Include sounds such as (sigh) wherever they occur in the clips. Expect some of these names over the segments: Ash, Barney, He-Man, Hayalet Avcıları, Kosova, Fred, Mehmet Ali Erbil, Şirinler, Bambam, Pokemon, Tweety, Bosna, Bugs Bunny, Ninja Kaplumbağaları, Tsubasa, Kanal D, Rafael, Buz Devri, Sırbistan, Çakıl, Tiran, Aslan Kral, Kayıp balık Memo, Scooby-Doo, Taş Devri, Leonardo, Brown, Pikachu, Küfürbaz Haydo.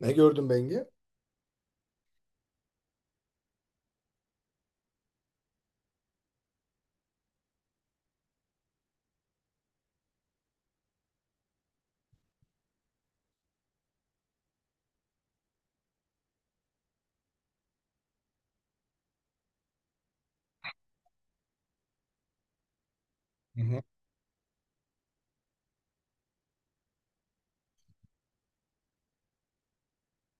Ne gördün Bengi? Hı hı.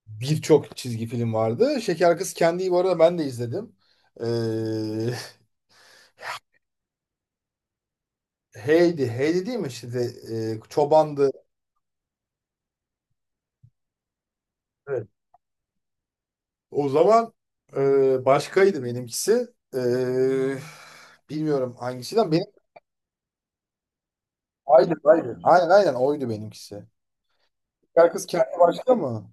Birçok çizgi film vardı. Şeker Kız Kendi'yi bu arada ben de izledim. Ee, Heidi. Heidi değil mi? Çobandı. Evet. O zaman başkaydı benimkisi. Ee, Bilmiyorum hangisinden. Aynen, aynen. Aynen oydu benimkisi. Şeker Kız Kendi başka mı?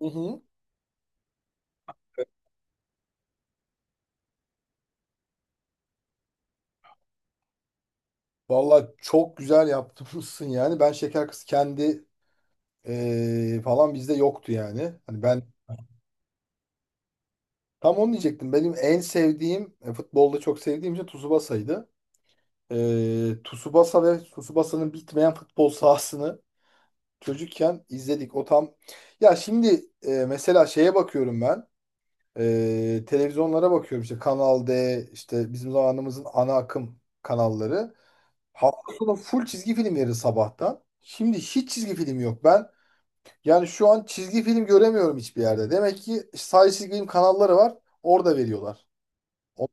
Hı hı. Valla çok güzel yaptırmışsın yani. Ben şeker kız kendi falan bizde yoktu yani. Hani ben, tam onu diyecektim. Benim en sevdiğim futbolda çok sevdiğim şey Tsubasa'ydı. Tsubasa ve Tsubasa'nın bitmeyen futbol sahasını çocukken izledik. O tam. Ya şimdi mesela şeye bakıyorum ben. Televizyonlara bakıyorum işte, Kanal D, işte bizim zamanımızın ana akım kanalları. Hafta sonu full çizgi film verir sabahtan. Şimdi hiç çizgi film yok. Ben yani şu an çizgi film göremiyorum hiçbir yerde. Demek ki sadece çizgi film kanalları var. Orada veriyorlar. O-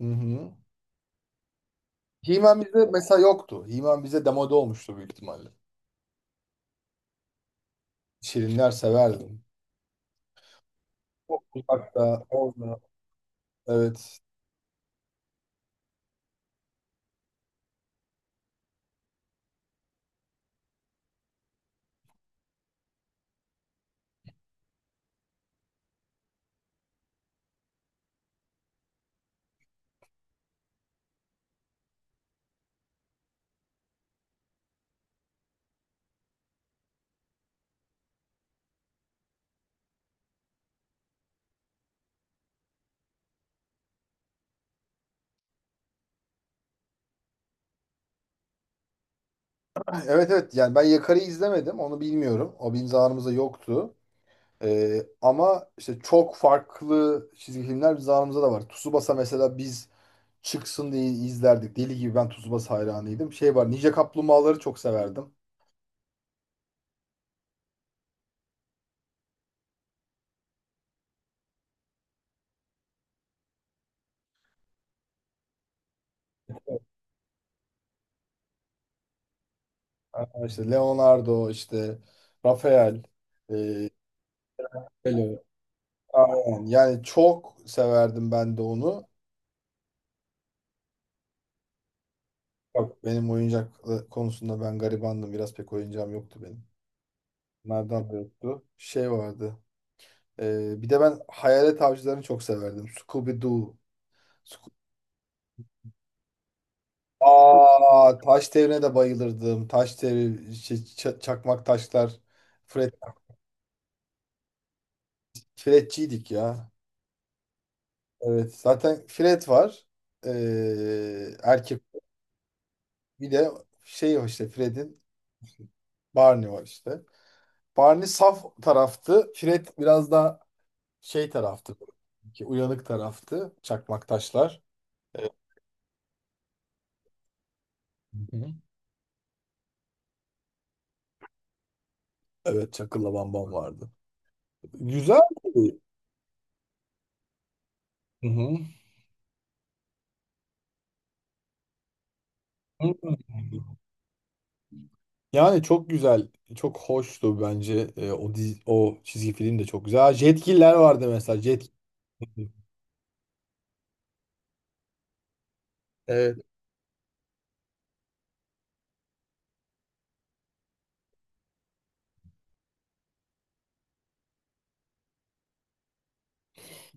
Hı hı. He-Man bizde mesela yoktu. He-Man bize demode olmuştu büyük ihtimalle. Şirinler severdim. Çok uzakta, orada. Evet. (clears throat) Evet evet, yani ben Yakar'ı izlemedim, onu bilmiyorum. O bizim zamanımızda yoktu. Ama işte çok farklı çizgi filmler bizim zamanımızda da var. Tsubasa mesela biz çıksın diye izlerdik. Deli gibi ben Tsubasa hayranıydım. Şey var, Ninja Kaplumbağaları çok severdim. Aa, İşte Leonardo, işte Rafael. E, hello. Aynen. Yani çok severdim ben de onu. Bak benim oyuncak konusunda ben garibandım. Biraz pek oyuncağım yoktu benim. Nereden de yoktu. Şey vardı. Bir de ben Hayalet Avcılarını çok severdim. Scooby-Doo. Aa, taş devrine de bayılırdım. Taş devri, şey, çakmak taşlar. Fred, Fredçiydik ya. Evet, zaten Fred var. Erkek bir de şey var işte Fred'in, Barney var işte. Barney saf taraftı. Fred biraz daha şey taraftı, böyle. Ki uyanık taraftı. Çakmak taşlar. Evet. Hı hı. Evet, Çakıl'la Bambam vardı. Güzel. Hı hı. Yani çok güzel, çok hoştu bence. O dizi, o çizgi film de çok güzel. Ha, Jetgiller vardı mesela. Jet. Evet.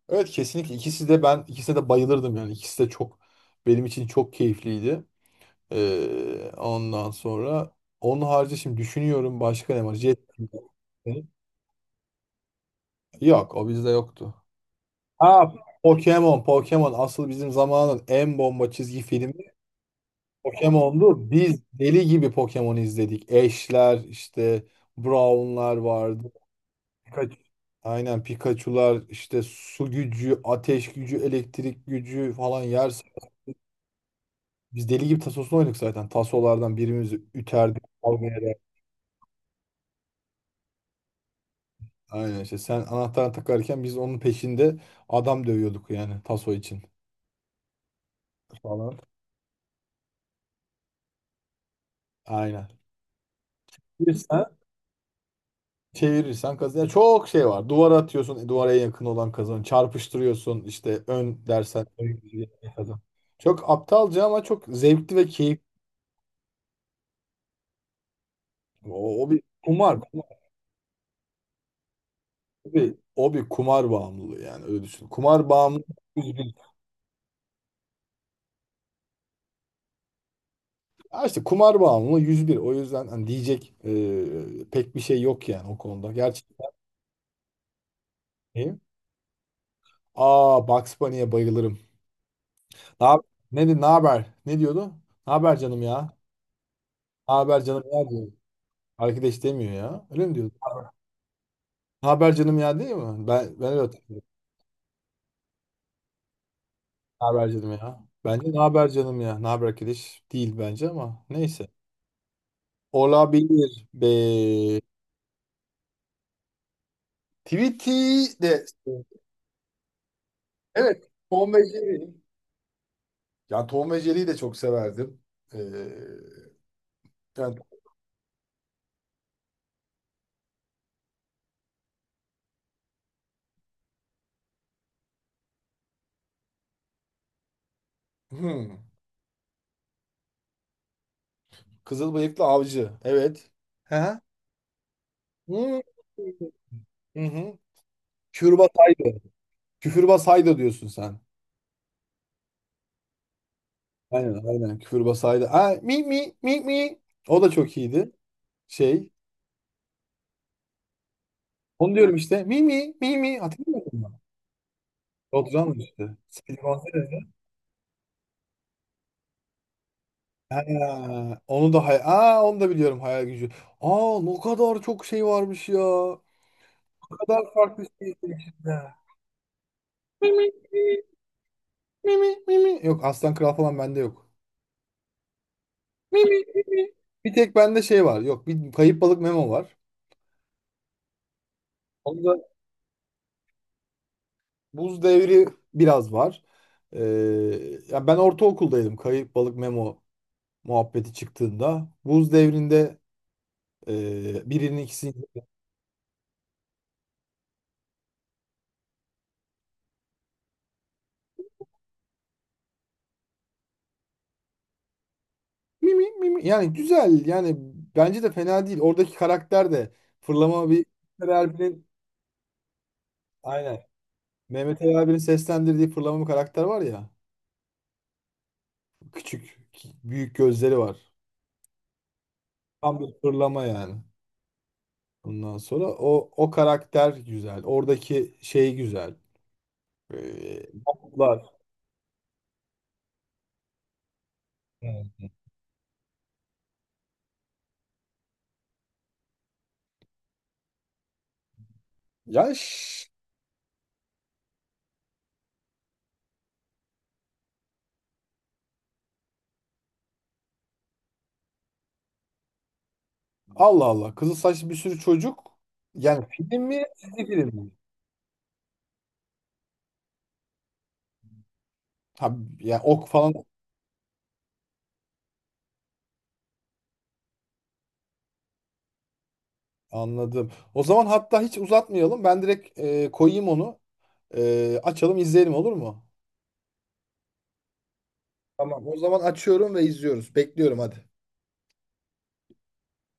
Evet, kesinlikle ikisi de, ben ikisine de bayılırdım yani. İkisi de çok, benim için çok keyifliydi. Ondan sonra onun harici şimdi düşünüyorum başka ne var? Jet. Yok, o bizde yoktu. Ha, Pokemon, Pokemon asıl bizim zamanın en bomba çizgi Pokemon'du. Biz deli gibi Pokemon izledik. Ash'ler işte Brown'lar vardı. Pikachu. Aynen Pikachu'lar işte, su gücü, ateş gücü, elektrik gücü falan yer. Biz deli gibi tasosunu oynadık zaten. Tasolardan birimizi üterdik, kavga eder. Aynen işte, sen anahtarı takarken biz onun peşinde adam dövüyorduk yani, taso için falan. Aynen. Bir sen? Çevirirsen kazan. Yani çok şey var. Duvara atıyorsun. Duvara en yakın olan kazan. Çarpıştırıyorsun, işte ön dersen ön kazan. Çok aptalca ama çok zevkli ve keyifli. O, o bir kumar. Kumar. O bir kumar bağımlılığı yani, öyle düşün. Kumar bağımlılığı 101. Ha işte, kumar bağımlılığı 101. O yüzden hani diyecek pek bir şey yok yani o konuda. Gerçekten iyi. Aa, Bugs Bunny'e bayılırım. Ne, yap- ne haber? Ne diyordu? Ne haber canım ya? Ne haber canım ya, diyor. Arkadaş demiyor ya. Öyle mi diyor? Ne haber canım ya, değil mi? Ben öyle hatırlıyorum. Ne haber canım ya? Bence ne haber canım ya? Ne haber arkadaş değil bence, ama neyse. Olabilir be. Tweety de evet, Tom ve Jerry. Yani Tom ve Jerry'yi de çok severdim. Ee, Yani, hmm, kızıl bıyıklı avcı. Evet. Hı hı. Hmm. Hı hı. Küfürbaz Haydo. Küfürbaz Haydo diyorsun sen. Aynen aynen, küfür basaydı. Ha, mi mi mi mi. O da çok iyiydi. Şey. Onu diyorum işte. Mi mi mi mi. Hatırlıyor musun? Oturan işte. Speedy Gonzales. Ha, onu da hay, aa, onu da biliyorum, hayal gücü. Aa, ne kadar çok şey varmış ya. Ne kadar farklı şey var içinde. Mi mi mi mi mi mi. Yok Aslan Kral falan bende yok. Mi mi. Bir tek bende şey var. Yok, bir kayıp balık Memo var. Onda buz devri biraz var. Ee, Ya ben ortaokuldaydım. Kayıp balık Memo muhabbeti çıktığında buz devrinde birinin ikisi, mimi mimi, yani güzel yani, bence de fena değil. Oradaki karakter de fırlama bir, Mehmet Ali Erbil'in, aynen, Mehmet Ali Erbil'in seslendirdiği fırlama bir karakter var ya, küçük büyük gözleri var. Tam bir fırlama yani. Ondan sonra o, o karakter güzel. Oradaki şey güzel. Laflar. Evet. Ya ş- Allah Allah. Kızıl saçlı bir sürü çocuk. Yani film mi? Çizgi film mi? Ha, ya ok falan anladım. O zaman hatta hiç uzatmayalım. Ben direkt koyayım onu. E, açalım izleyelim, olur mu? Tamam, o zaman açıyorum ve izliyoruz. Bekliyorum, hadi.